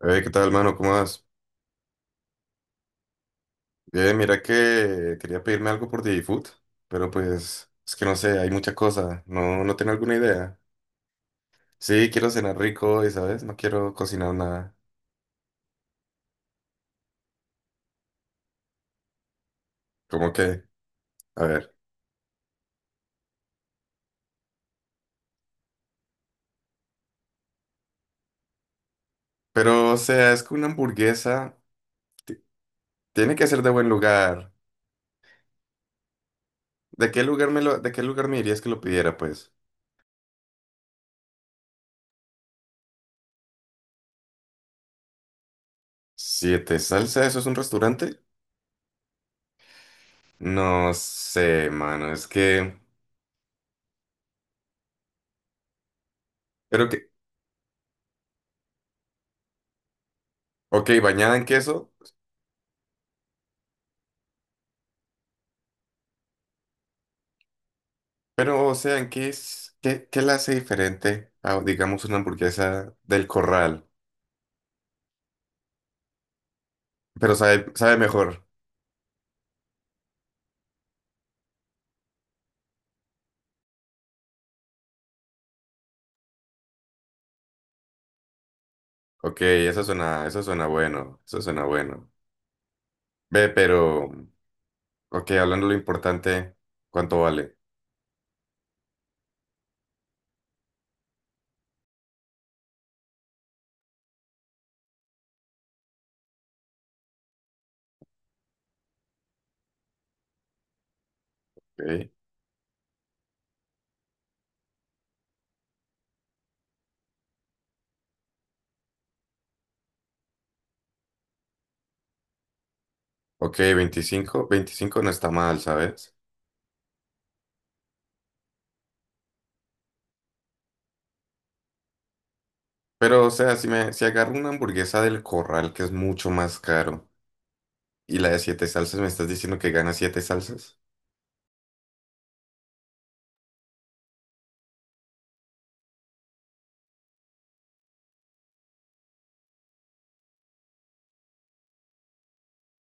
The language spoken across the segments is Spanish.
Hey, ¿qué tal, hermano? ¿Cómo vas? Bien, mira que quería pedirme algo por DigiFood, pero pues es que no sé, hay mucha cosa, no tengo alguna idea. Sí, quiero cenar rico y, ¿sabes? No quiero cocinar nada. ¿Cómo que? A ver. Pero, o sea, es que una hamburguesa ti- tiene que ser de buen lugar. ¿De qué lugar me dirías que lo pidiera, pues? ¿Siete Salsa? ¿Eso es un restaurante? No sé, mano, es que... Pero que... Ok, bañada en queso. Pero, o sea, ¿en qué es, qué, qué la hace diferente a, digamos, una hamburguesa del corral? Pero sabe mejor. Ok, eso suena bueno, eso suena bueno. Ve, pero, ok, hablando de lo importante, ¿cuánto vale? Ok, ok, 25 25 no está mal, ¿sabes? Pero, o sea, si agarro una hamburguesa del corral, que es mucho más caro, y la de siete salsas, ¿me estás diciendo que gana siete salsas?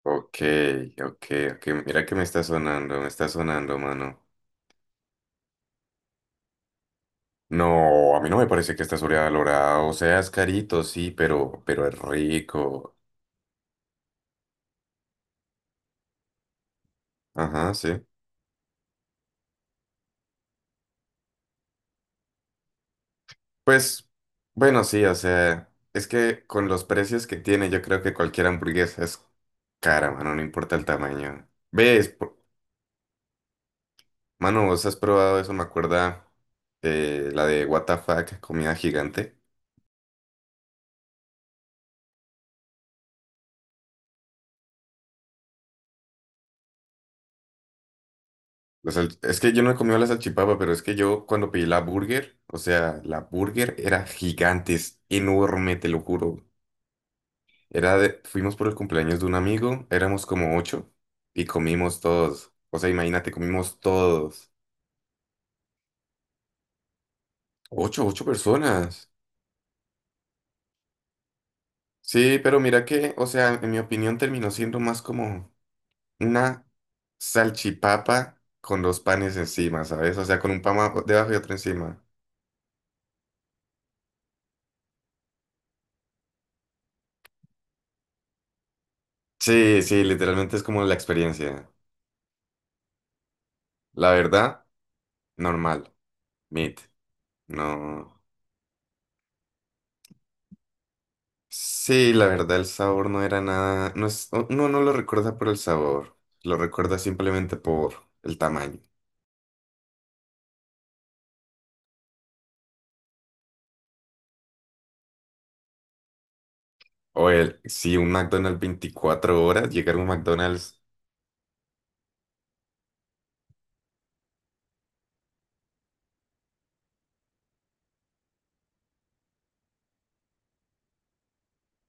Ok, ok, ok, mira que me está sonando, mano. No, a mí no me parece que esté sobrevalorado. O sea, es carito, sí, pero es rico. Ajá, sí. Pues, bueno, sí, o sea, es que con los precios que tiene, yo creo que cualquier hamburguesa es cara, mano, no importa el tamaño. ¿Ves? Mano, vos has probado eso, me acuerda la de What the fuck, comida gigante. O sea, es que yo no he comido la salchipapa, pero es que yo cuando pedí la burger, o sea, la burger era gigante, es enorme, te lo juro. Fuimos por el cumpleaños de un amigo, éramos como ocho y comimos todos. O sea, imagínate, comimos todos. Ocho, ocho personas. Sí, pero mira que, o sea, en mi opinión terminó siendo más como una salchipapa con dos panes encima, ¿sabes? O sea, con un pan debajo y otro encima. Sí, sí, literalmente es como la experiencia. La verdad, normal. Meat. No. Sí, la verdad, el sabor no era nada. Uno no lo recuerda por el sabor, lo recuerda simplemente por el tamaño. O el, sí, un McDonald's 24 horas, llegar a un McDonald's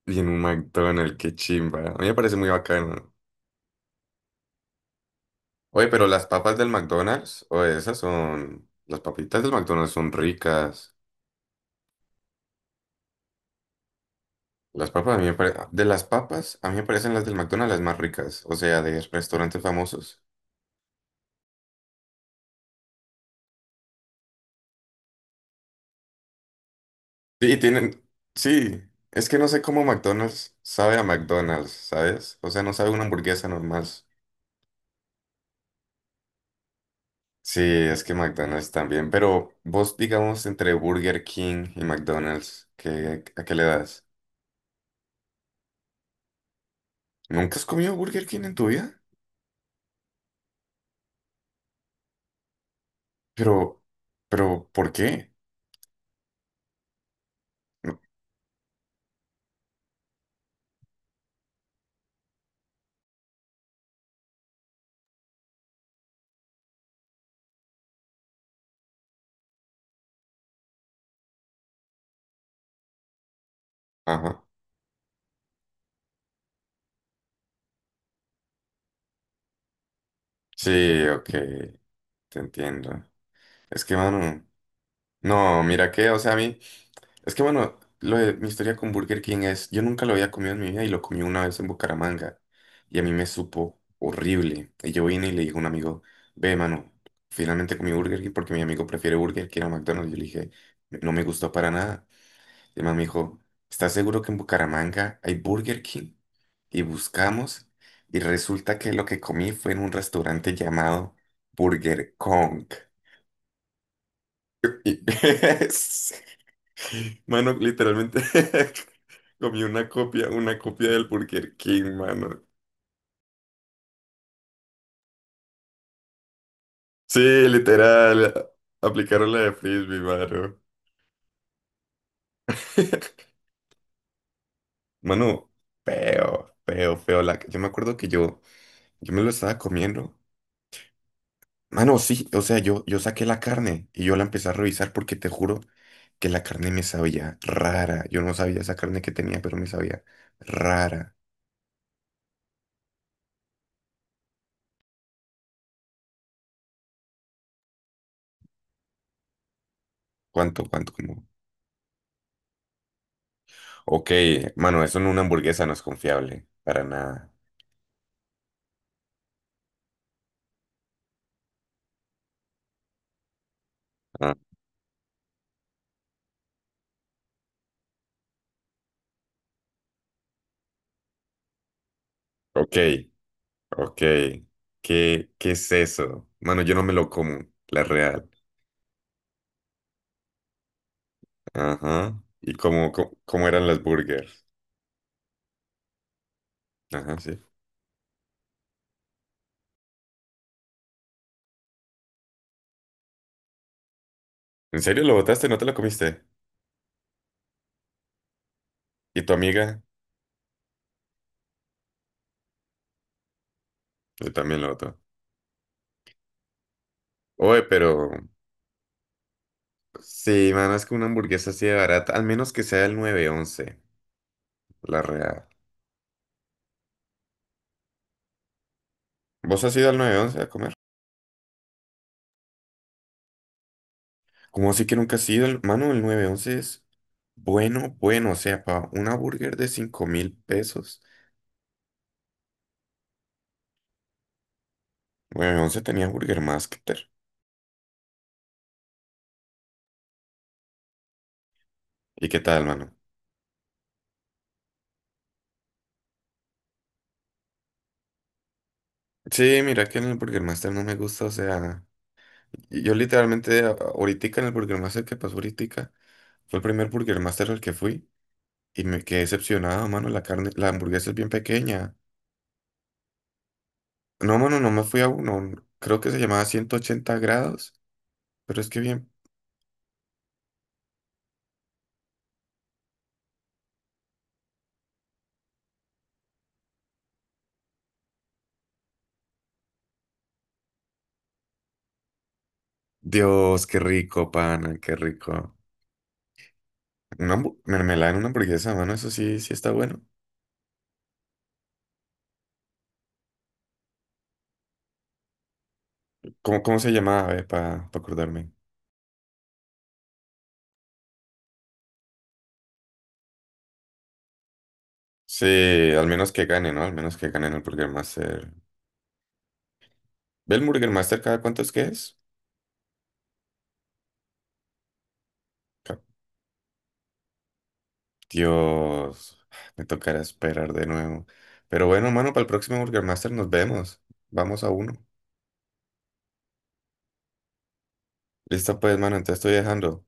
y en un McDonald's, qué chimba. A mí me parece muy bacano. Oye, pero las papas del McDonald's, o esas son. Las papitas del McDonald's son ricas. Las papas, a mí me pare- De las papas, a mí me parecen las del McDonald's las más ricas, o sea, de restaurantes famosos. Sí, tienen, sí, es que no sé cómo McDonald's sabe a McDonald's, ¿sabes? O sea, no sabe una hamburguesa normal. Sí, es que McDonald's también, pero vos digamos entre Burger King y McDonald's, ¿ a qué le das? ¿Nunca has comido Burger King en tu vida? Pero, pero, ¿por qué? No, ajá. Sí, ok, te entiendo. Es que, mano, no, mira que, o sea, a mí... Es que bueno, lo de mi historia con Burger King es, yo nunca lo había comido en mi vida y lo comí una vez en Bucaramanga y a mí me supo horrible. Y yo vine y le dije a un amigo, ve, mano, finalmente comí Burger King porque mi amigo prefiere Burger King a McDonald's. Yo le dije, no me gustó para nada. Y el man me dijo, ¿estás seguro que en Bucaramanga hay Burger King? Y buscamos y resulta que lo que comí fue en un restaurante llamado Burger Kong. Y- Mano, literalmente comí una copia del Burger King, mano. Sí, literal. Aplicaron la de Frisbee, mano. Mano, feo, feo, feo. La... Yo me acuerdo que yo me lo estaba comiendo. Mano, sí, o sea, yo saqué la carne y yo la empecé a revisar porque te juro que la carne me sabía rara. Yo no sabía esa carne que tenía, pero me sabía rara. ¿Cuánto, cuánto? Como... Ok, mano, eso en una hamburguesa no es confiable, para nada. Ok, ok. ¿Qué es eso? Mano, yo no me lo como, la real. Ajá. ¿Y cómo eran las burgers? Ajá, sí. ¿En serio lo botaste? ¿No te lo comiste? ¿Y tu amiga? Yo también lo botó. Oye, pero... Sí, mano, es que una hamburguesa así de barata, al menos que sea el 911, la real. ¿Vos has ido al 911 a comer? ¿Cómo así que nunca has ido? Mano, el 911 es bueno, bueno. O sea, para una burger de 5.000 pesos, 911 tenía Burger Master. ¿Y qué tal, mano? Sí, mira que en el Burger Master no me gusta, o sea, yo literalmente ahorita en el Burger Master que pasó ahorita fue el primer Burger Master al que fui y me quedé decepcionado, mano, la carne, la hamburguesa es bien pequeña. No, mano, no me fui a uno, creo que se llamaba 180 grados, pero es que bien. Dios, qué rico, pana, qué rico. Una mermelada en una hamburguesa, mano, eso sí, sí está bueno. ¿Cómo se llamaba, para acordarme? Sí, al menos que gane, ¿no? Al menos que gane en el Burger Master. ¿Ve el Burger Master cada cuánto es que es? Ca- Dios, me tocará esperar de nuevo. Pero bueno, mano, para el próximo Burger Master nos vemos. Vamos a uno. Listo pues, mano, entonces estoy dejando.